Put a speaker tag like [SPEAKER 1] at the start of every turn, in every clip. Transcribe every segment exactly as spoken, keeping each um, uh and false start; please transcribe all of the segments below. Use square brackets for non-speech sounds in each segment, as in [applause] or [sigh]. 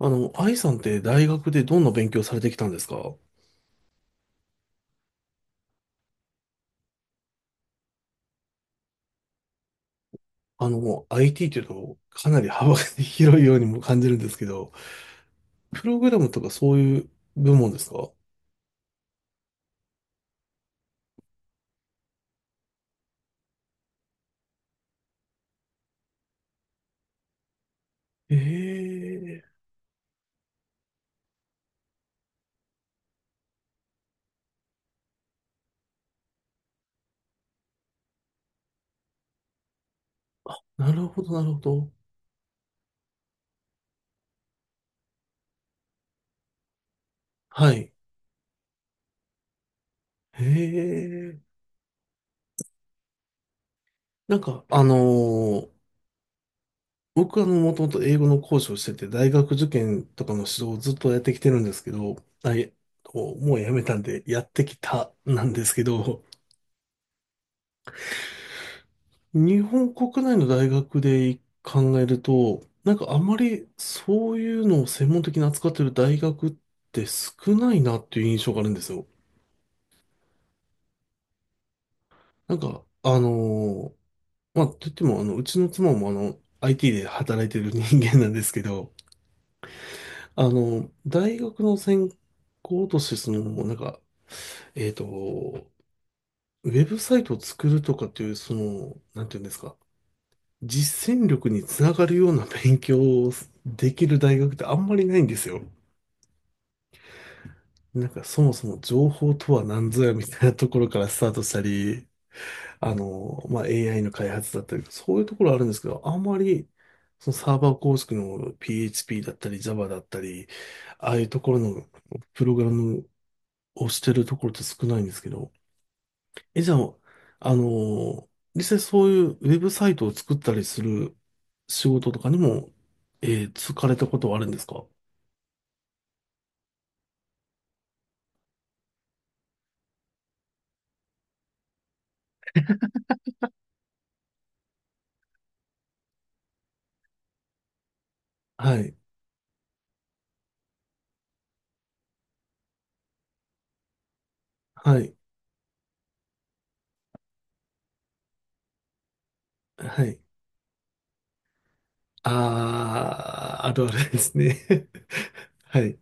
[SPEAKER 1] あの、愛さんって大学でどんな勉強されてきたんですか？あの、アイティー というとかなり幅が [laughs] 広いようにも感じるんですけど、プログラムとかそういう部門ですか？ええー、なるほど、なるほど。はい。ええ。なんか、あのー僕はもともと英語の講師をしてて、大学受験とかの指導をずっとやってきてるんですけど、あ、いえ。もうやめたんで、やってきたなんですけど、日本国内の大学で考えると、なんかあまりそういうのを専門的に扱ってる大学って少ないなっていう印象があるんですよ。なんか、あのーまあ、といっても、あの、うちの妻もあの、アイティー で働いてる人間なんですけど、あの、大学の専攻として、その、なんか、えっと、ウェブサイトを作るとかっていう、その、なんていうんですか、実践力につながるような勉強をできる大学ってあんまりないんですよ。なんかそもそも情報とは何ぞやみたいなところからスタートしたり、あの、まあ、エーアイ の開発だったり、そういうところあるんですけど、あんまりそのサーバー構築の ピーエイチピー だったり ジャバ だったり、ああいうところのプログラムをしてるところって少ないんですけど、え、じゃあ、あのー実際そういうウェブサイトを作ったりする仕事とかにも、えー、就かれたことはあるんですか？はい、はい、はい。あー、あるあるですね。[laughs] はい、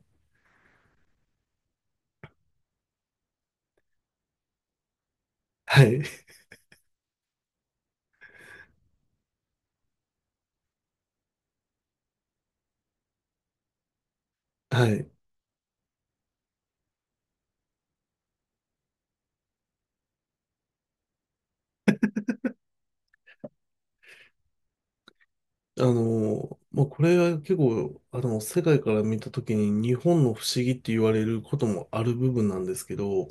[SPEAKER 1] はい、はい。あのーまあ、これは結構、あの、世界から見たときに日本の不思議って言われることもある部分なんですけど、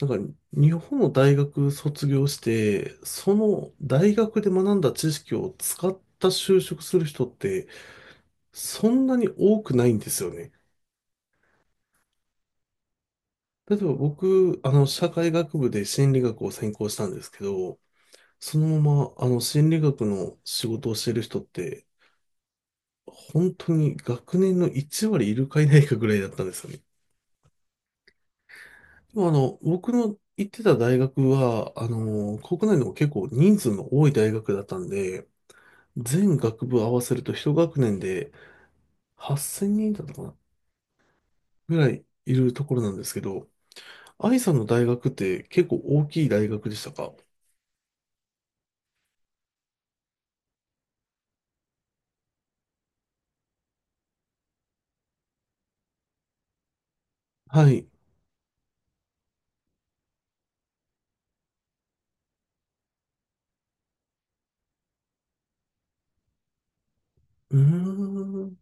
[SPEAKER 1] なんか日本の大学卒業して、その大学で学んだ知識を使った就職する人ってそんなに多くないんですよね。例えば僕、あの、社会学部で心理学を専攻したんですけど、そのまま、あの、心理学の仕事をしてる人って、本当に学年のいちわり割いるかいないかぐらいだったんですよね。でもあの、僕の行ってた大学は、あの、国内でも結構人数の多い大学だったんで、全学部合わせると一学年ではっせんにんだったかなぐらいいるところなんですけど、愛さんの大学って結構大きい大学でしたか？はい。うーん。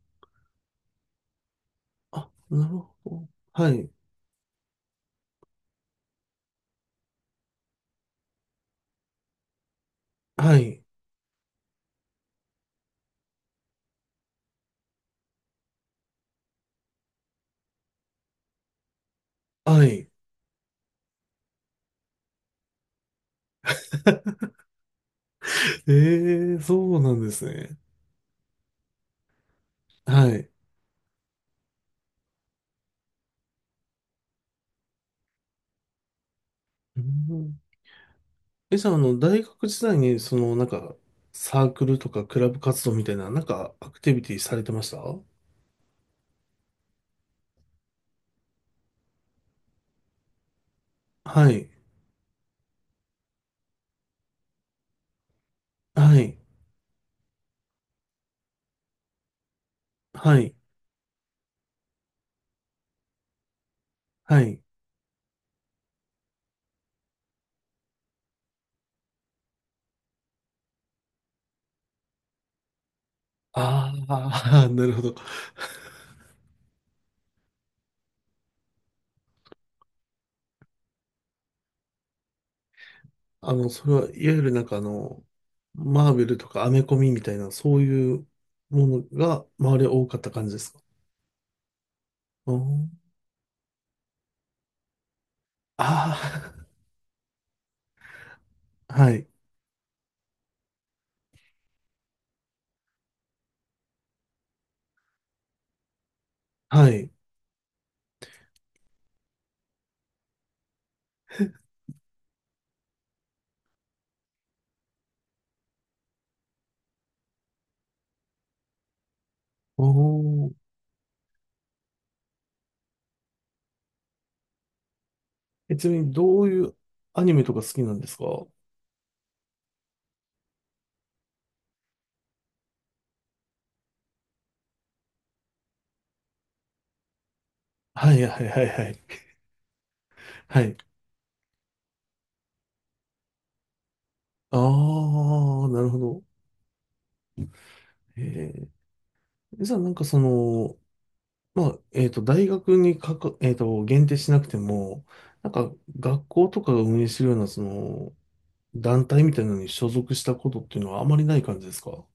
[SPEAKER 1] あ、なるほど。はい。はい。はい。[laughs] ええ、そうなんですね。はい。うん。え、じゃあ、あの、大学時代に、その、なんか、サークルとかクラブ活動みたいな、なんか、アクティビティされてました？はい。はい。はい。はい。ああ、[laughs] なるほど。あの、それはいわゆるなんかあの、マーベルとかアメコミみたいな、そういうものが周りは多かった感じですか？おー。ああー、[laughs] はい、はい。おー。え、ちなみにどういうアニメとか好きなんですか？はい、はい、はい、はい。はい。ああ、なるほど。えー、じゃあなんかその、まあ、えっと、大学にかか、えっと、限定しなくても、なんか学校とかが運営してるような、その、団体みたいなのに所属したことっていうのはあまりない感じですか？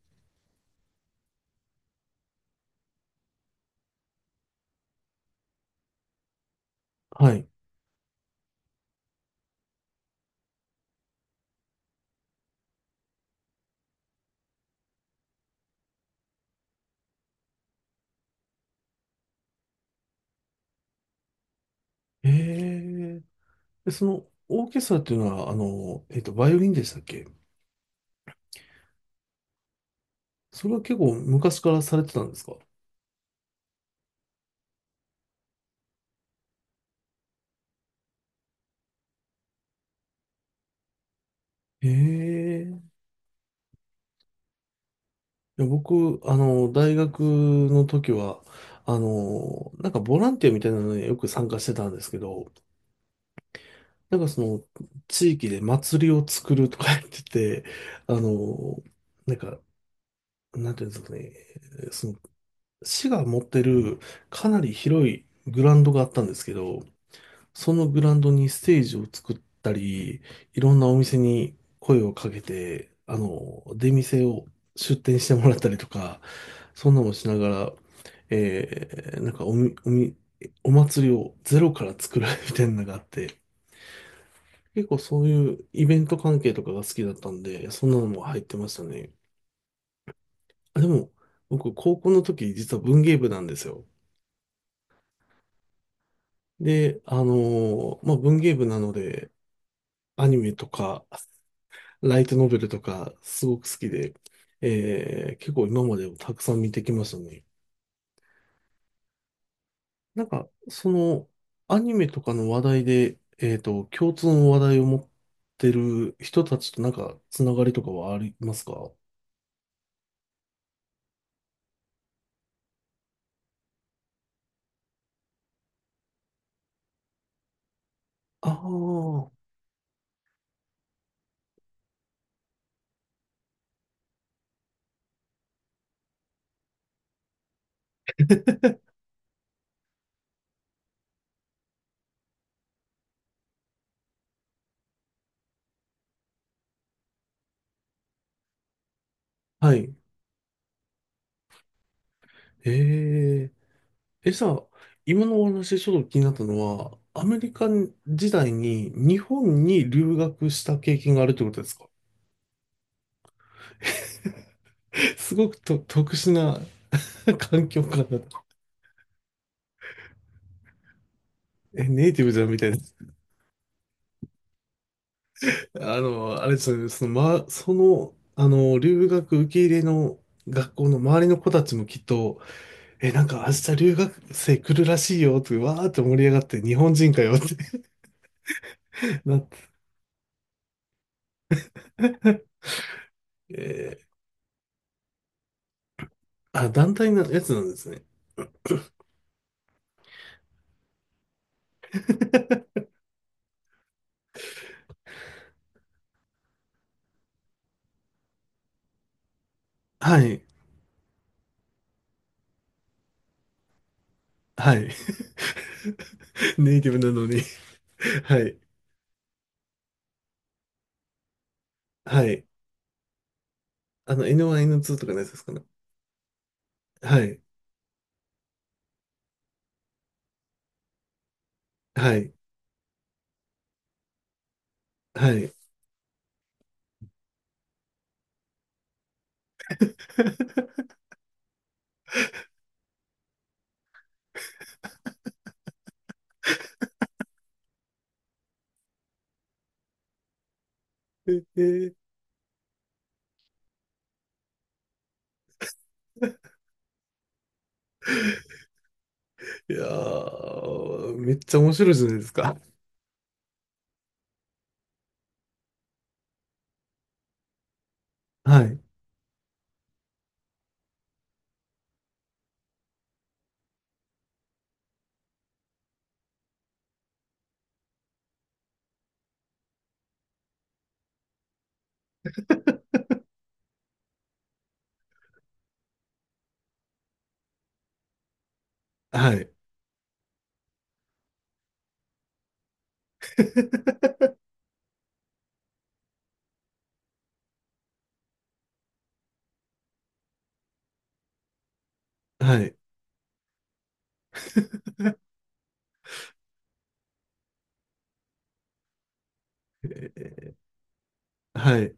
[SPEAKER 1] はい。ええ。で、その、オーケストラっていうのは、あの、えっと、バイオリンでしたっけ？それは結構昔からされてたんですか？ええ。いや、僕、あの、大学の時は、あの、なんかボランティアみたいなのによく参加してたんですけど、なんかその、地域で祭りを作るとか言ってて、あの、なんか、なんていうんですかね、その市が持ってるかなり広いグラウンドがあったんですけど、そのグラウンドにステージを作ったり、いろんなお店に声をかけて、あの、出店を出店してもらったりとか、そんなもしながら、えー、なんかおみ、おみ、お祭りをゼロから作る [laughs] みたいなのがあって、結構そういうイベント関係とかが好きだったんで、そんなのも入ってましたね。あでも、僕、高校の時、実は文芸部なんですよ。で、あのーまあ、文芸部なので、アニメとか、ライトノベルとか、すごく好きで、えー結構今までもたくさん見てきましたね。なんか、その、アニメとかの話題で、えっと、共通の話題を持ってる人たちとなんか、つながりとかはありますか？ああー、はい。えー、え、さ、今のお話ちょっと気になったのは、アメリカ時代に日本に留学した経験があるってことですか？すごくと特殊な [laughs] 環境下だと。え、ネイティブじゃんみたいな。あの、あれですよね、その、ま、その、あの、留学受け入れの学校の周りの子たちもきっと、え、なんか明日留学生来るらしいよって、わーって盛り上がって、日本人かよって [laughs] なって、えーあ、団体のやつなんですね。[laughs] はい、はい。[laughs] ネイティブなのに。はい、はい。あの、エヌワン、エヌツー とかのやつですかね。はい、はい、はい。[laughs] ええ、いやー、めっちゃ面白いじゃないですか。はい。はい。[laughs] はい。えーはい。